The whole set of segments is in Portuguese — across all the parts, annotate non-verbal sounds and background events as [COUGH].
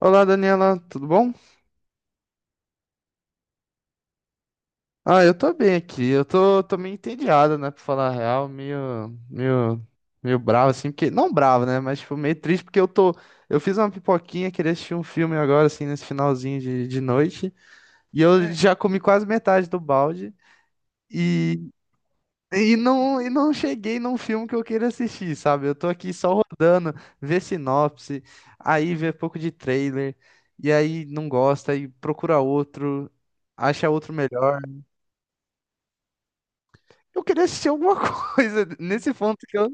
Olá, Daniela, tudo bom? Ah, eu tô bem aqui. Eu tô meio entediado, né, pra falar a real, meio, meio bravo, assim, porque, não bravo, né, mas, tipo, meio triste, porque eu fiz uma pipoquinha, queria assistir um filme agora, assim, nesse finalzinho de noite, e eu, é, já comi quase metade do balde, e, e não cheguei num filme que eu queira assistir, sabe? Eu tô aqui só rodando, ver sinopse, aí ver pouco de trailer, e aí não gosta, aí procura outro, acha outro melhor. Eu queria assistir alguma [LAUGHS] coisa. Nesse ponto que eu,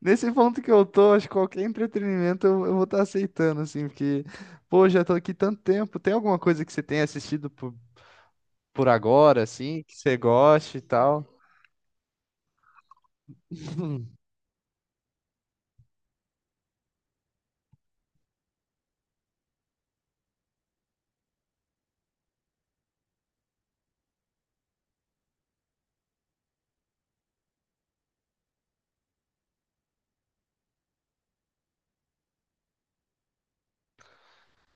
nesse ponto que eu tô, acho que qualquer entretenimento eu vou estar aceitando, assim, porque, pô, já tô aqui tanto tempo. Tem alguma coisa que você tenha assistido por agora, assim, que você goste e tal?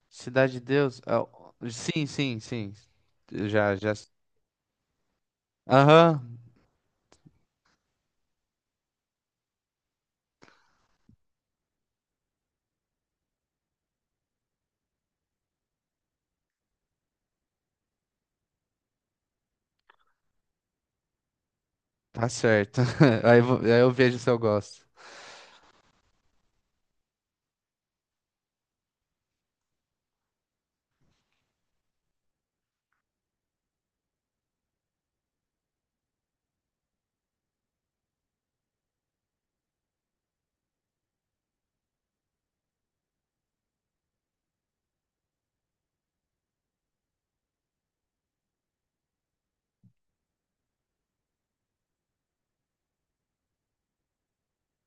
Cidade de Deus? Ah, sim, sim, sim. Eu já, já. Aham, tá certo. [LAUGHS] Aí, aí eu vejo se eu gosto.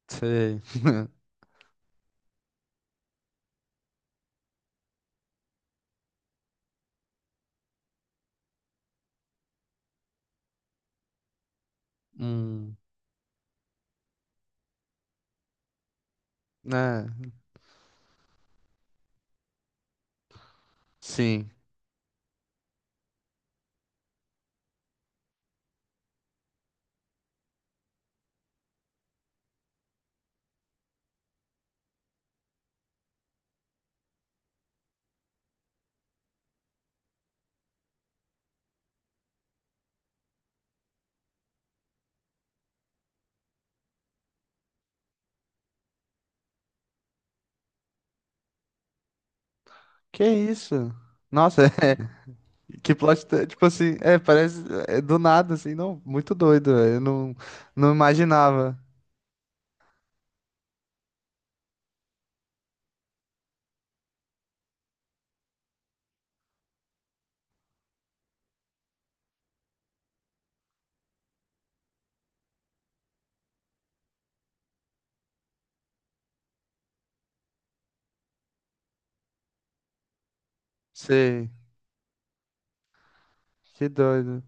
Sei. [LAUGHS] Hum, né? Sim. Que isso? Nossa. [LAUGHS] Que plot, tipo assim, parece do nada, assim, não, muito doido, velho, eu não imaginava. Sei, que doido.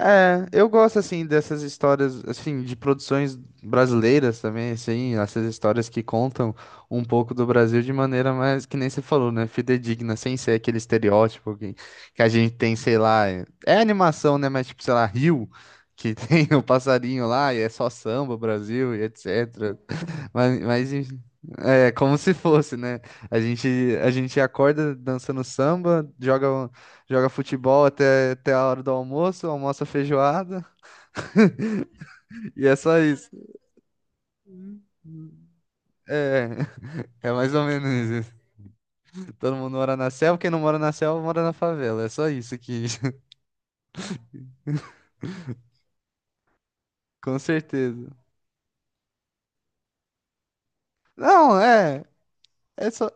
É, eu gosto, assim, dessas histórias, assim, de produções brasileiras também, assim, essas histórias que contam um pouco do Brasil de maneira mais, que nem você falou, né, fidedigna, sem ser aquele estereótipo que a gente tem, sei lá, é animação, né, mas tipo, sei lá, Rio, que [LAUGHS] tem o passarinho lá e é só samba, Brasil e etc. Mas enfim, é como se fosse, né? A gente acorda dançando samba, joga futebol até a hora do almoço, almoça feijoada, [LAUGHS] e é só isso. É, [LAUGHS] é mais ou menos isso. Todo mundo mora na selva, quem não mora na selva mora na favela. É só isso aqui. [LAUGHS] Com certeza. Não, é. É só.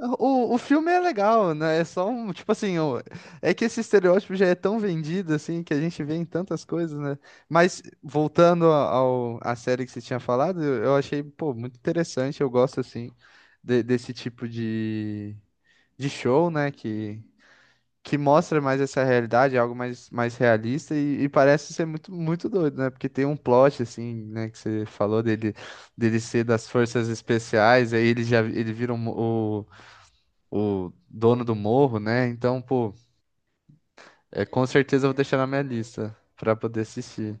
O filme é legal, né? É só um, tipo assim, é que esse estereótipo já é tão vendido, assim, que a gente vê em tantas coisas, né? Mas voltando à série que você tinha falado, eu achei, pô, muito interessante, eu gosto, assim, desse tipo de show, né? Que mostra mais essa realidade, algo mais, mais realista e parece ser muito, muito doido, né? Porque tem um plot, assim, né, que você falou dele ser das forças especiais, aí ele já, ele vira o dono do morro, né? Então, pô, com certeza eu vou deixar na minha lista pra poder assistir.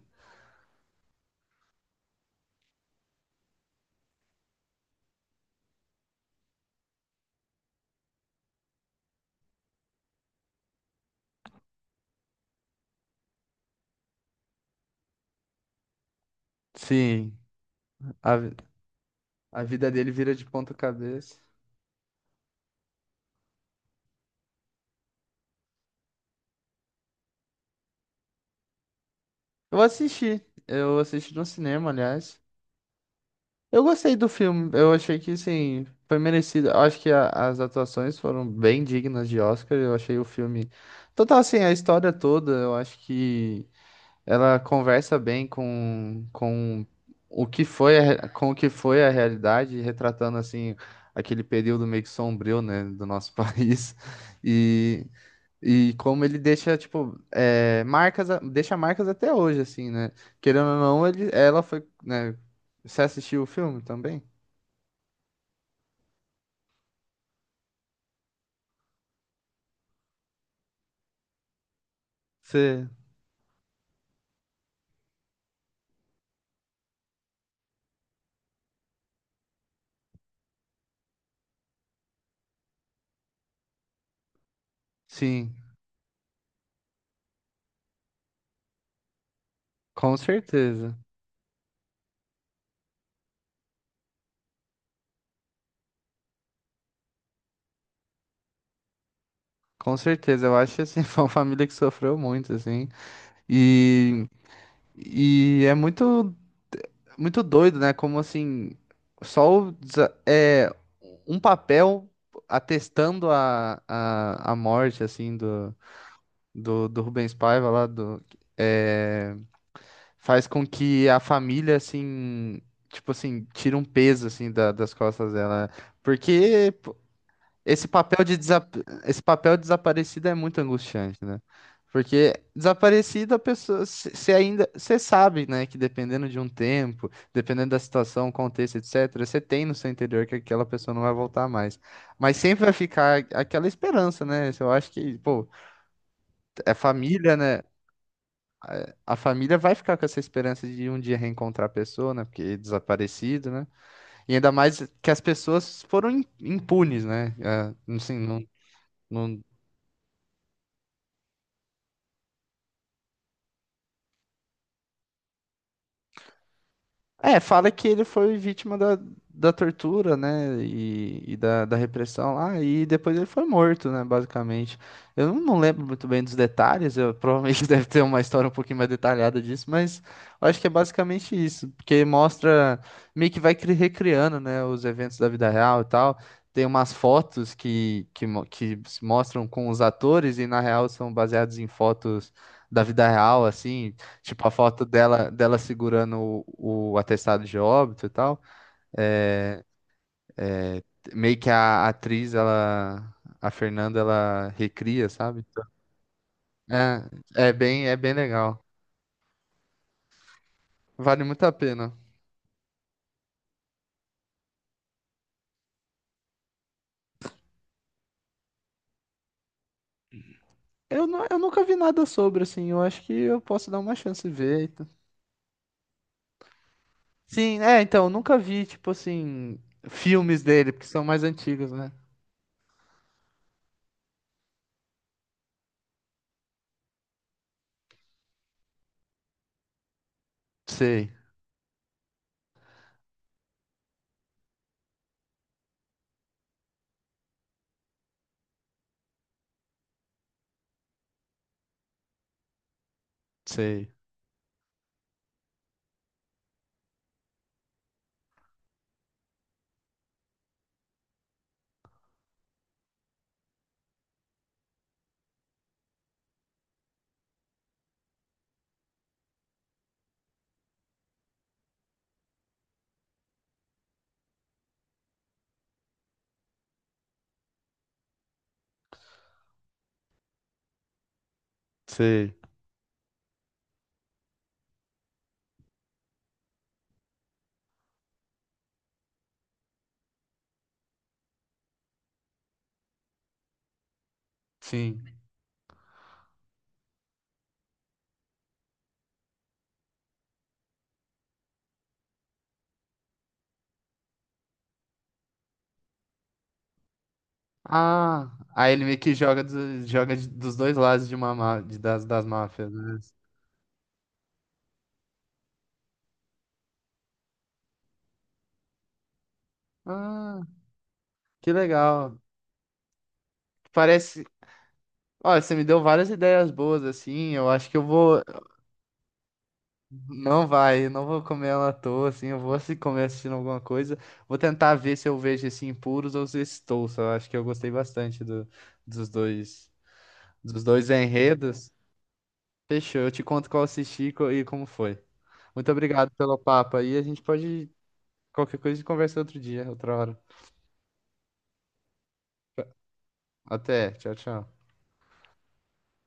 Sim, a, vi- a vida dele vira de ponta cabeça. Eu assisti. Eu assisti no cinema, aliás. Eu gostei do filme, eu achei que, sim, foi merecido. Eu acho que as atuações foram bem dignas de Oscar, eu achei o filme. Total, assim, a história toda, eu acho que ela conversa bem com o que foi com o que foi a realidade, retratando assim aquele período meio que sombrio, né, do nosso [LAUGHS] país. E, e como ele deixa, tipo, marcas, deixa marcas até hoje, assim, né? Querendo ou não, ela foi, né? Você assistiu o filme também? Você, sim, com certeza. Com certeza, eu acho assim, [LAUGHS] foi uma família que sofreu muito, assim. E, e é muito. Muito doido, né? Como assim, só o um papel atestando a morte, assim, do Rubens Paiva lá, é, faz com que a família, assim, tipo assim, tire um peso, assim, das costas dela. Porque esse papel de desap... esse papel de desaparecida é muito angustiante, né? Porque desaparecida a pessoa, você sabe, né, que dependendo de um tempo, dependendo da situação, contexto, etc, você tem no seu interior que aquela pessoa não vai voltar mais. Mas sempre vai ficar aquela esperança, né? Eu acho que, pô, é família, né? A família vai ficar com essa esperança de um dia reencontrar a pessoa, né? Porque é desaparecido, né? E ainda mais que as pessoas foram impunes, né? É, assim, não, não. É, fala que ele foi vítima da tortura, né? E da repressão lá, e depois ele foi morto, né? Basicamente. Eu não lembro muito bem dos detalhes, eu, provavelmente [LAUGHS] deve ter uma história um pouquinho mais detalhada disso, mas eu acho que é basicamente isso, porque mostra meio que vai recriando, né? Os eventos da vida real e tal. Tem umas fotos que se mostram com os atores, e na real são baseados em fotos da vida real, assim. Tipo, a foto dela segurando o atestado de óbito e tal. É, é, meio que a atriz, ela, a Fernanda, ela recria, sabe? É, é bem legal. Vale muito a pena. Eu nunca vi nada sobre, assim. Eu acho que eu posso dar uma chance e ver e tal. Sim, é, então, eu nunca vi, tipo assim, filmes dele, porque são mais antigos, né? Sei, sei, sei. Sim. Ah, aí ele meio que joga dos dois lados de uma, má- de- das máfias, né? Ah, que legal. Parece. Olha, você me deu várias ideias boas, assim. Eu acho que eu vou. Não vai, eu não vou comer ela à toa, assim. Eu vou se comer assistindo alguma coisa. Vou tentar ver se eu vejo esse Impuros ou se esse Tulsa. Eu acho que eu gostei bastante dos dois, dos dois enredos. Fechou, eu te conto qual eu assisti e como foi. Muito obrigado pelo papo aí. A gente pode Qualquer coisa a gente conversa outro dia, outra hora. Até. Tchau, tchau.